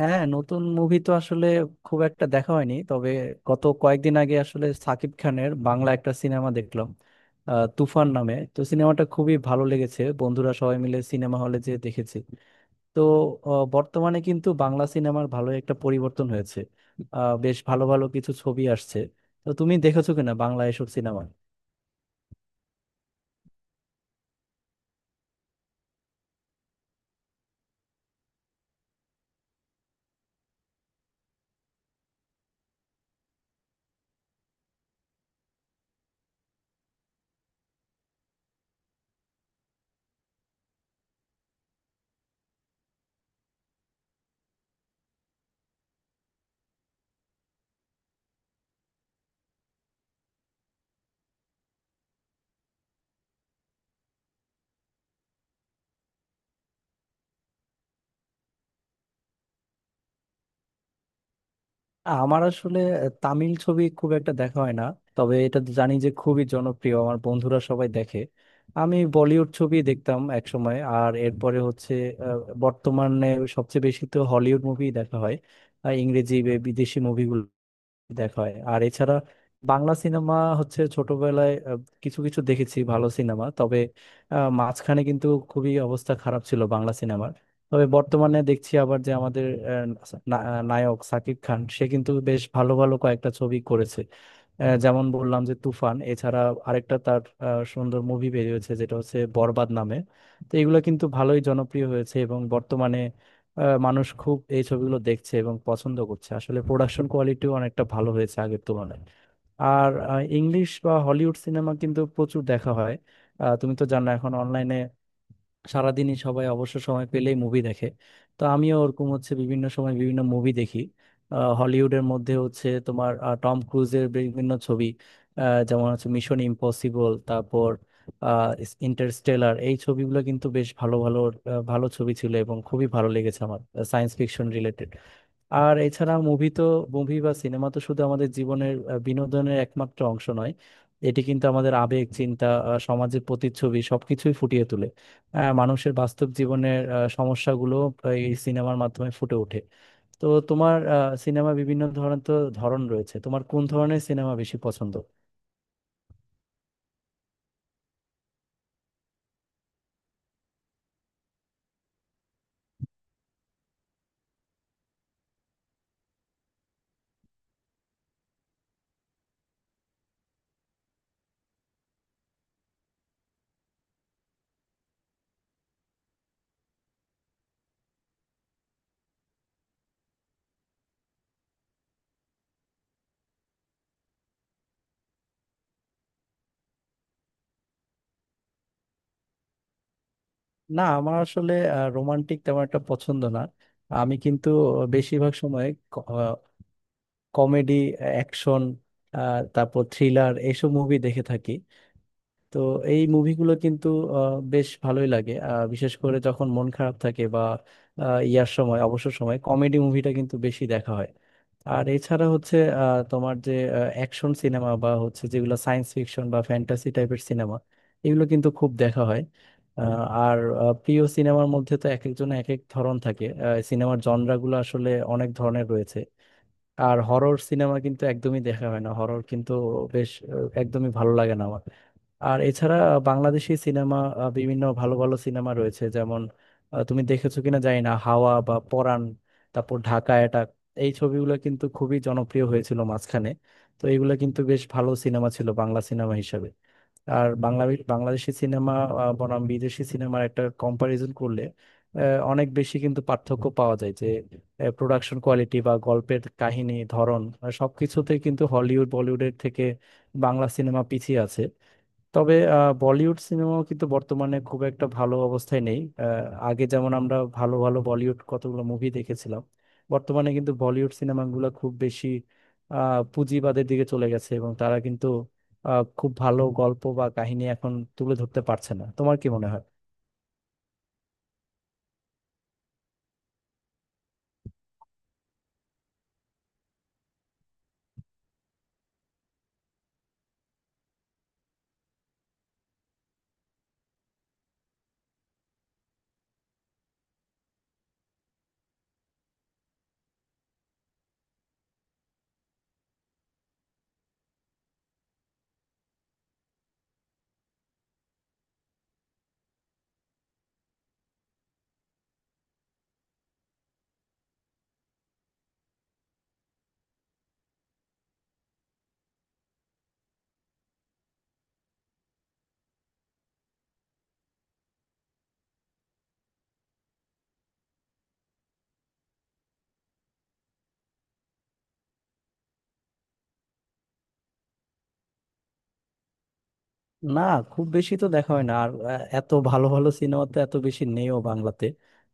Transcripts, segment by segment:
হ্যাঁ, নতুন মুভি তো আসলে খুব একটা দেখা হয়নি। তবে গত কয়েকদিন আগে আসলে সাকিব খানের বাংলা একটা সিনেমা দেখলাম। তুফান নামে তো সিনেমাটা খুবই ভালো লেগেছে, বন্ধুরা সবাই মিলে সিনেমা হলে যেয়ে দেখেছি। তো বর্তমানে কিন্তু বাংলা সিনেমার ভালো একটা পরিবর্তন হয়েছে। বেশ ভালো ভালো কিছু ছবি আসছে। তো তুমি দেখেছো কিনা বাংলা এসব সিনেমা? আমার আসলে তামিল ছবি খুব একটা দেখা হয় না, তবে এটা তো জানি যে খুবই জনপ্রিয়, আমার বন্ধুরা সবাই দেখে। আমি বলিউড ছবি দেখতাম এক সময়, আর এরপরে হচ্ছে বর্তমানে সবচেয়ে বেশি তো হলিউড মুভি দেখা হয়, আর ইংরেজি বা বিদেশি মুভিগুলো দেখা হয়। আর এছাড়া বাংলা সিনেমা হচ্ছে ছোটবেলায় কিছু কিছু দেখেছি ভালো সিনেমা। তবে মাঝখানে কিন্তু খুবই অবস্থা খারাপ ছিল বাংলা সিনেমার। তবে বর্তমানে দেখছি আবার যে আমাদের আহ, নায়ক শাকিব খান সে কিন্তু বেশ ভালো ভালো কয়েকটা ছবি করেছে। যেমন বললাম যে তুফান, এছাড়া আরেকটা তার সুন্দর মুভি বেরিয়েছে যেটা হচ্ছে বরবাদ নামে। তো এগুলো কিন্তু ভালোই জনপ্রিয় হয়েছে এবং বর্তমানে মানুষ খুব এই ছবিগুলো দেখছে এবং পছন্দ করছে। আসলে প্রোডাকশন কোয়ালিটিও অনেকটা ভালো হয়েছে আগের তুলনায়। আর ইংলিশ বা হলিউড সিনেমা কিন্তু প্রচুর দেখা হয়। তুমি তো জানো এখন অনলাইনে সারাদিনই সবাই অবসর সময় পেলেই মুভি দেখে। তো আমিও ওরকম হচ্ছে বিভিন্ন সময় বিভিন্ন মুভি দেখি। হলিউডের মধ্যে হচ্ছে তোমার টম ক্রুজের বিভিন্ন ছবি, যেমন হচ্ছে মিশন ইম্পসিবল, তারপর ইন্টারস্টেলার। এই ছবিগুলো কিন্তু বেশ ভালো ভালো ভালো ছবি ছিল এবং খুবই ভালো লেগেছে আমার, সায়েন্স ফিকশন রিলেটেড। আর এছাড়া মুভি তো মুভি বা সিনেমা তো শুধু আমাদের জীবনের বিনোদনের একমাত্র অংশ নয়, এটি কিন্তু আমাদের আবেগ, চিন্তা, সমাজের প্রতিচ্ছবি সবকিছুই ফুটিয়ে তোলে। মানুষের বাস্তব জীবনের সমস্যাগুলো এই সিনেমার মাধ্যমে ফুটে ওঠে। তো তোমার সিনেমা বিভিন্ন ধরনের তো ধরন রয়েছে, তোমার কোন ধরনের সিনেমা বেশি পছন্দ? না, আমার আসলে রোমান্টিক তেমন একটা পছন্দ না। আমি কিন্তু বেশিরভাগ সময় কমেডি, অ্যাকশন, তারপর থ্রিলার এইসব মুভি দেখে থাকি। তো এই মুভিগুলো কিন্তু বেশ ভালোই লাগে। বিশেষ করে যখন মন খারাপ থাকে বা ইয়ার সময়, অবসর সময় কমেডি মুভিটা কিন্তু বেশি দেখা হয়। আর এছাড়া হচ্ছে তোমার যে অ্যাকশন সিনেমা বা হচ্ছে যেগুলো সায়েন্স ফিকশন বা ফ্যান্টাসি টাইপের সিনেমা, এগুলো কিন্তু খুব দেখা হয়। আহ, আর প্রিয় সিনেমার মধ্যে তো এক একজনের এক এক ধরন থাকে। সিনেমার জনরাগুলো আসলে অনেক ধরনের রয়েছে। আর হরর সিনেমা কিন্তু একদমই দেখা হয় না, হরর কিন্তু বেশ একদমই ভালো লাগে না আমার। আর এছাড়া বাংলাদেশি সিনেমা বিভিন্ন ভালো ভালো সিনেমা রয়েছে, যেমন তুমি দেখেছো কিনা জানি না হাওয়া বা পরাণ, তারপর ঢাকা অ্যাটাক। এই ছবিগুলো কিন্তু খুবই জনপ্রিয় হয়েছিল মাঝখানে। তো এইগুলো কিন্তু বেশ ভালো সিনেমা ছিল বাংলা সিনেমা হিসাবে। আর বাংলাদেশি সিনেমা বনাম বিদেশি সিনেমার একটা কম্পারিজন করলে আহ, অনেক বেশি কিন্তু পার্থক্য পাওয়া যায় যে প্রোডাকশন কোয়ালিটি বা গল্পের কাহিনী ধরন, সবকিছুতে কিন্তু হলিউড, বলিউডের থেকে বাংলা সিনেমা পিছিয়ে আছে। তবে বলিউড সিনেমাও কিন্তু বর্তমানে খুব একটা ভালো অবস্থায় নেই। আগে যেমন আমরা ভালো ভালো বলিউড কতগুলো মুভি দেখেছিলাম, বর্তমানে কিন্তু বলিউড সিনেমাগুলো খুব বেশি পুঁজিবাদের দিকে চলে গেছে এবং তারা কিন্তু খুব ভালো গল্প বা কাহিনী এখন তুলে ধরতে পারছে না। তোমার কি মনে হয়? না, খুব বেশি তো দেখা হয় না। আর এত ভালো ভালো সিনেমা তো এত বেশি নেইও বাংলাতে।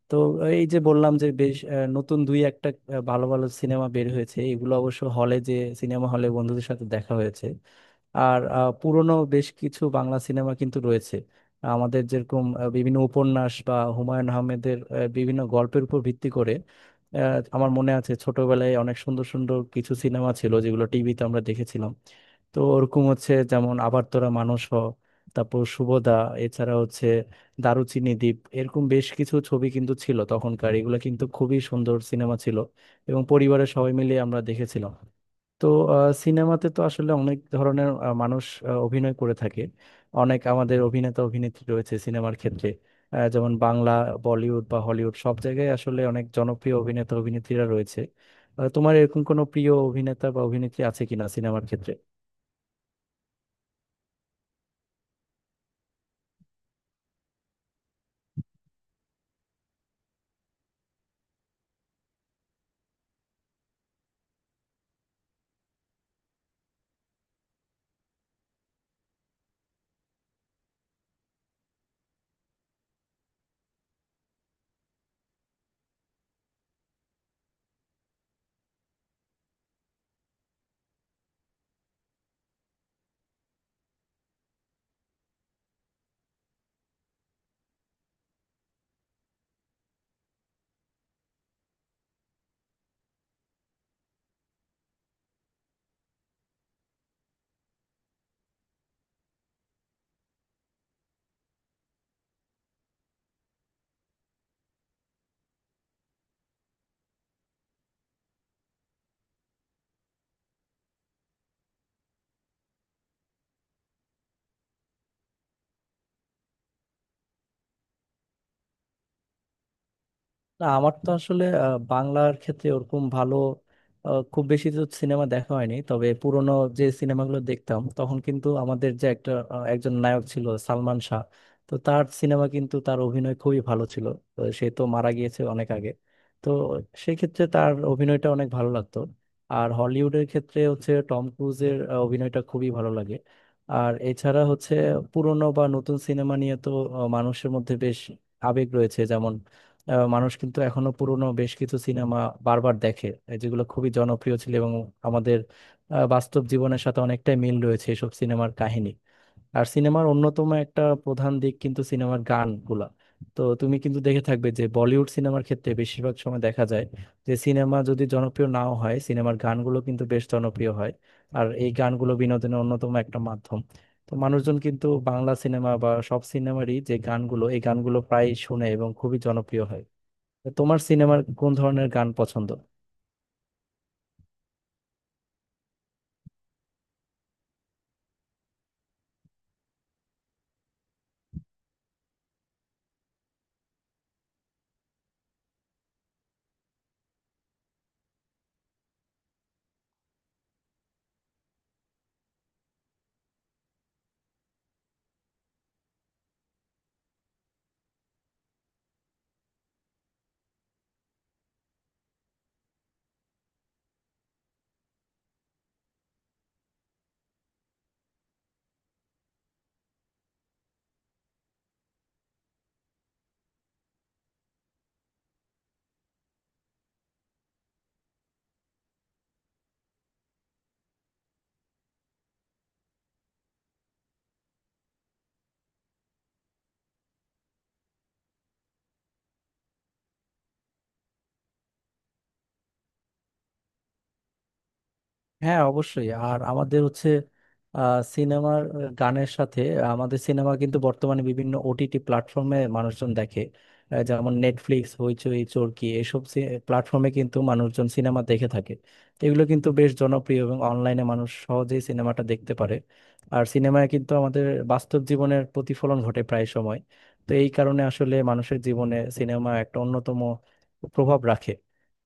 তো এই যে বললাম যে বেশ নতুন দুই একটা ভালো ভালো সিনেমা বের হয়েছে, এগুলো অবশ্য হলে যে সিনেমা হলে বন্ধুদের সাথে দেখা হয়েছে। আর পুরনো বেশ কিছু বাংলা সিনেমা কিন্তু রয়েছে আমাদের, যেরকম বিভিন্ন উপন্যাস বা হুমায়ুন আহমেদের বিভিন্ন গল্পের উপর ভিত্তি করে আহ, আমার মনে আছে ছোটবেলায় অনেক সুন্দর সুন্দর কিছু সিনেমা ছিল যেগুলো টিভিতে আমরা দেখেছিলাম। তো ওরকম হচ্ছে যেমন আবারতোরা মানুষ হ, তারপর শুভদা, এছাড়া হচ্ছে দারুচিনি দ্বীপ, এরকম বেশ কিছু ছবি কিন্তু ছিল তখনকার। এগুলো কিন্তু খুবই সুন্দর সিনেমা ছিল এবং পরিবারের সবাই মিলে আমরা দেখেছিলাম। তো সিনেমাতে তো আসলে অনেক ধরনের মানুষ অভিনয় করে থাকে। অনেক আমাদের অভিনেতা অভিনেত্রী রয়েছে সিনেমার ক্ষেত্রে। যেমন বাংলা, বলিউড বা হলিউড সব জায়গায় আসলে অনেক জনপ্রিয় অভিনেতা অভিনেত্রীরা রয়েছে। তোমার এরকম কোনো প্রিয় অভিনেতা বা অভিনেত্রী আছে কিনা সিনেমার ক্ষেত্রে? না, আমার তো আসলে বাংলার ক্ষেত্রে ওরকম ভালো খুব বেশি তো সিনেমা দেখা হয়নি। তবে পুরোনো যে সিনেমাগুলো দেখতাম তখন কিন্তু আমাদের যে একটা একজন নায়ক ছিল সালমান শাহ। তো তার সিনেমা কিন্তু, তার অভিনয় খুবই ভালো ছিল। তো সে তো মারা গিয়েছে অনেক আগে। তো সেক্ষেত্রে তার অভিনয়টা অনেক ভালো লাগতো। আর হলিউডের ক্ষেত্রে হচ্ছে টম ক্রুজের অভিনয়টা খুবই ভালো লাগে। আর এছাড়া হচ্ছে পুরনো বা নতুন সিনেমা নিয়ে তো মানুষের মধ্যে বেশ আবেগ রয়েছে। যেমন মানুষ কিন্তু এখনো পুরনো বেশ কিছু সিনেমা বারবার দেখে, এই যেগুলো খুবই জনপ্রিয় ছিল এবং আমাদের বাস্তব জীবনের সাথে অনেকটাই মিল রয়েছে এসব সিনেমার কাহিনী। আর সিনেমার অন্যতম একটা প্রধান দিক কিন্তু সিনেমার গানগুলা। তো তুমি কিন্তু দেখে থাকবে যে বলিউড সিনেমার ক্ষেত্রে বেশিরভাগ সময় দেখা যায় যে সিনেমা যদি জনপ্রিয় নাও হয়, সিনেমার গানগুলো কিন্তু বেশ জনপ্রিয় হয়। আর এই গানগুলো বিনোদনের অন্যতম একটা মাধ্যম। তো মানুষজন কিন্তু বাংলা সিনেমা বা সব সিনেমারই যে গানগুলো, এই গানগুলো প্রায় শুনে এবং খুবই জনপ্রিয় হয়। তো তোমার সিনেমার কোন ধরনের গান পছন্দ? হ্যাঁ, অবশ্যই। আর আমাদের হচ্ছে সিনেমার গানের সাথে আমাদের সিনেমা কিন্তু বর্তমানে বিভিন্ন ওটিটি প্ল্যাটফর্মে মানুষজন দেখে। যেমন নেটফ্লিক্স, হইচই, চরকি এসব প্ল্যাটফর্মে কিন্তু মানুষজন সিনেমা দেখে থাকে। তো এগুলো কিন্তু বেশ জনপ্রিয় এবং অনলাইনে মানুষ সহজেই সিনেমাটা দেখতে পারে। আর সিনেমায় কিন্তু আমাদের বাস্তব জীবনের প্রতিফলন ঘটে প্রায় সময়। তো এই কারণে আসলে মানুষের জীবনে সিনেমা একটা অন্যতম প্রভাব রাখে।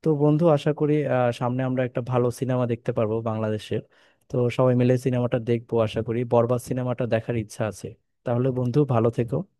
তো বন্ধু, আশা করি সামনে আমরা একটা ভালো সিনেমা দেখতে পারবো বাংলাদেশের। তো সবাই মিলে সিনেমাটা দেখবো, আশা করি বরবাদ সিনেমাটা দেখার ইচ্ছা আছে। তাহলে বন্ধু, ভালো থেকো।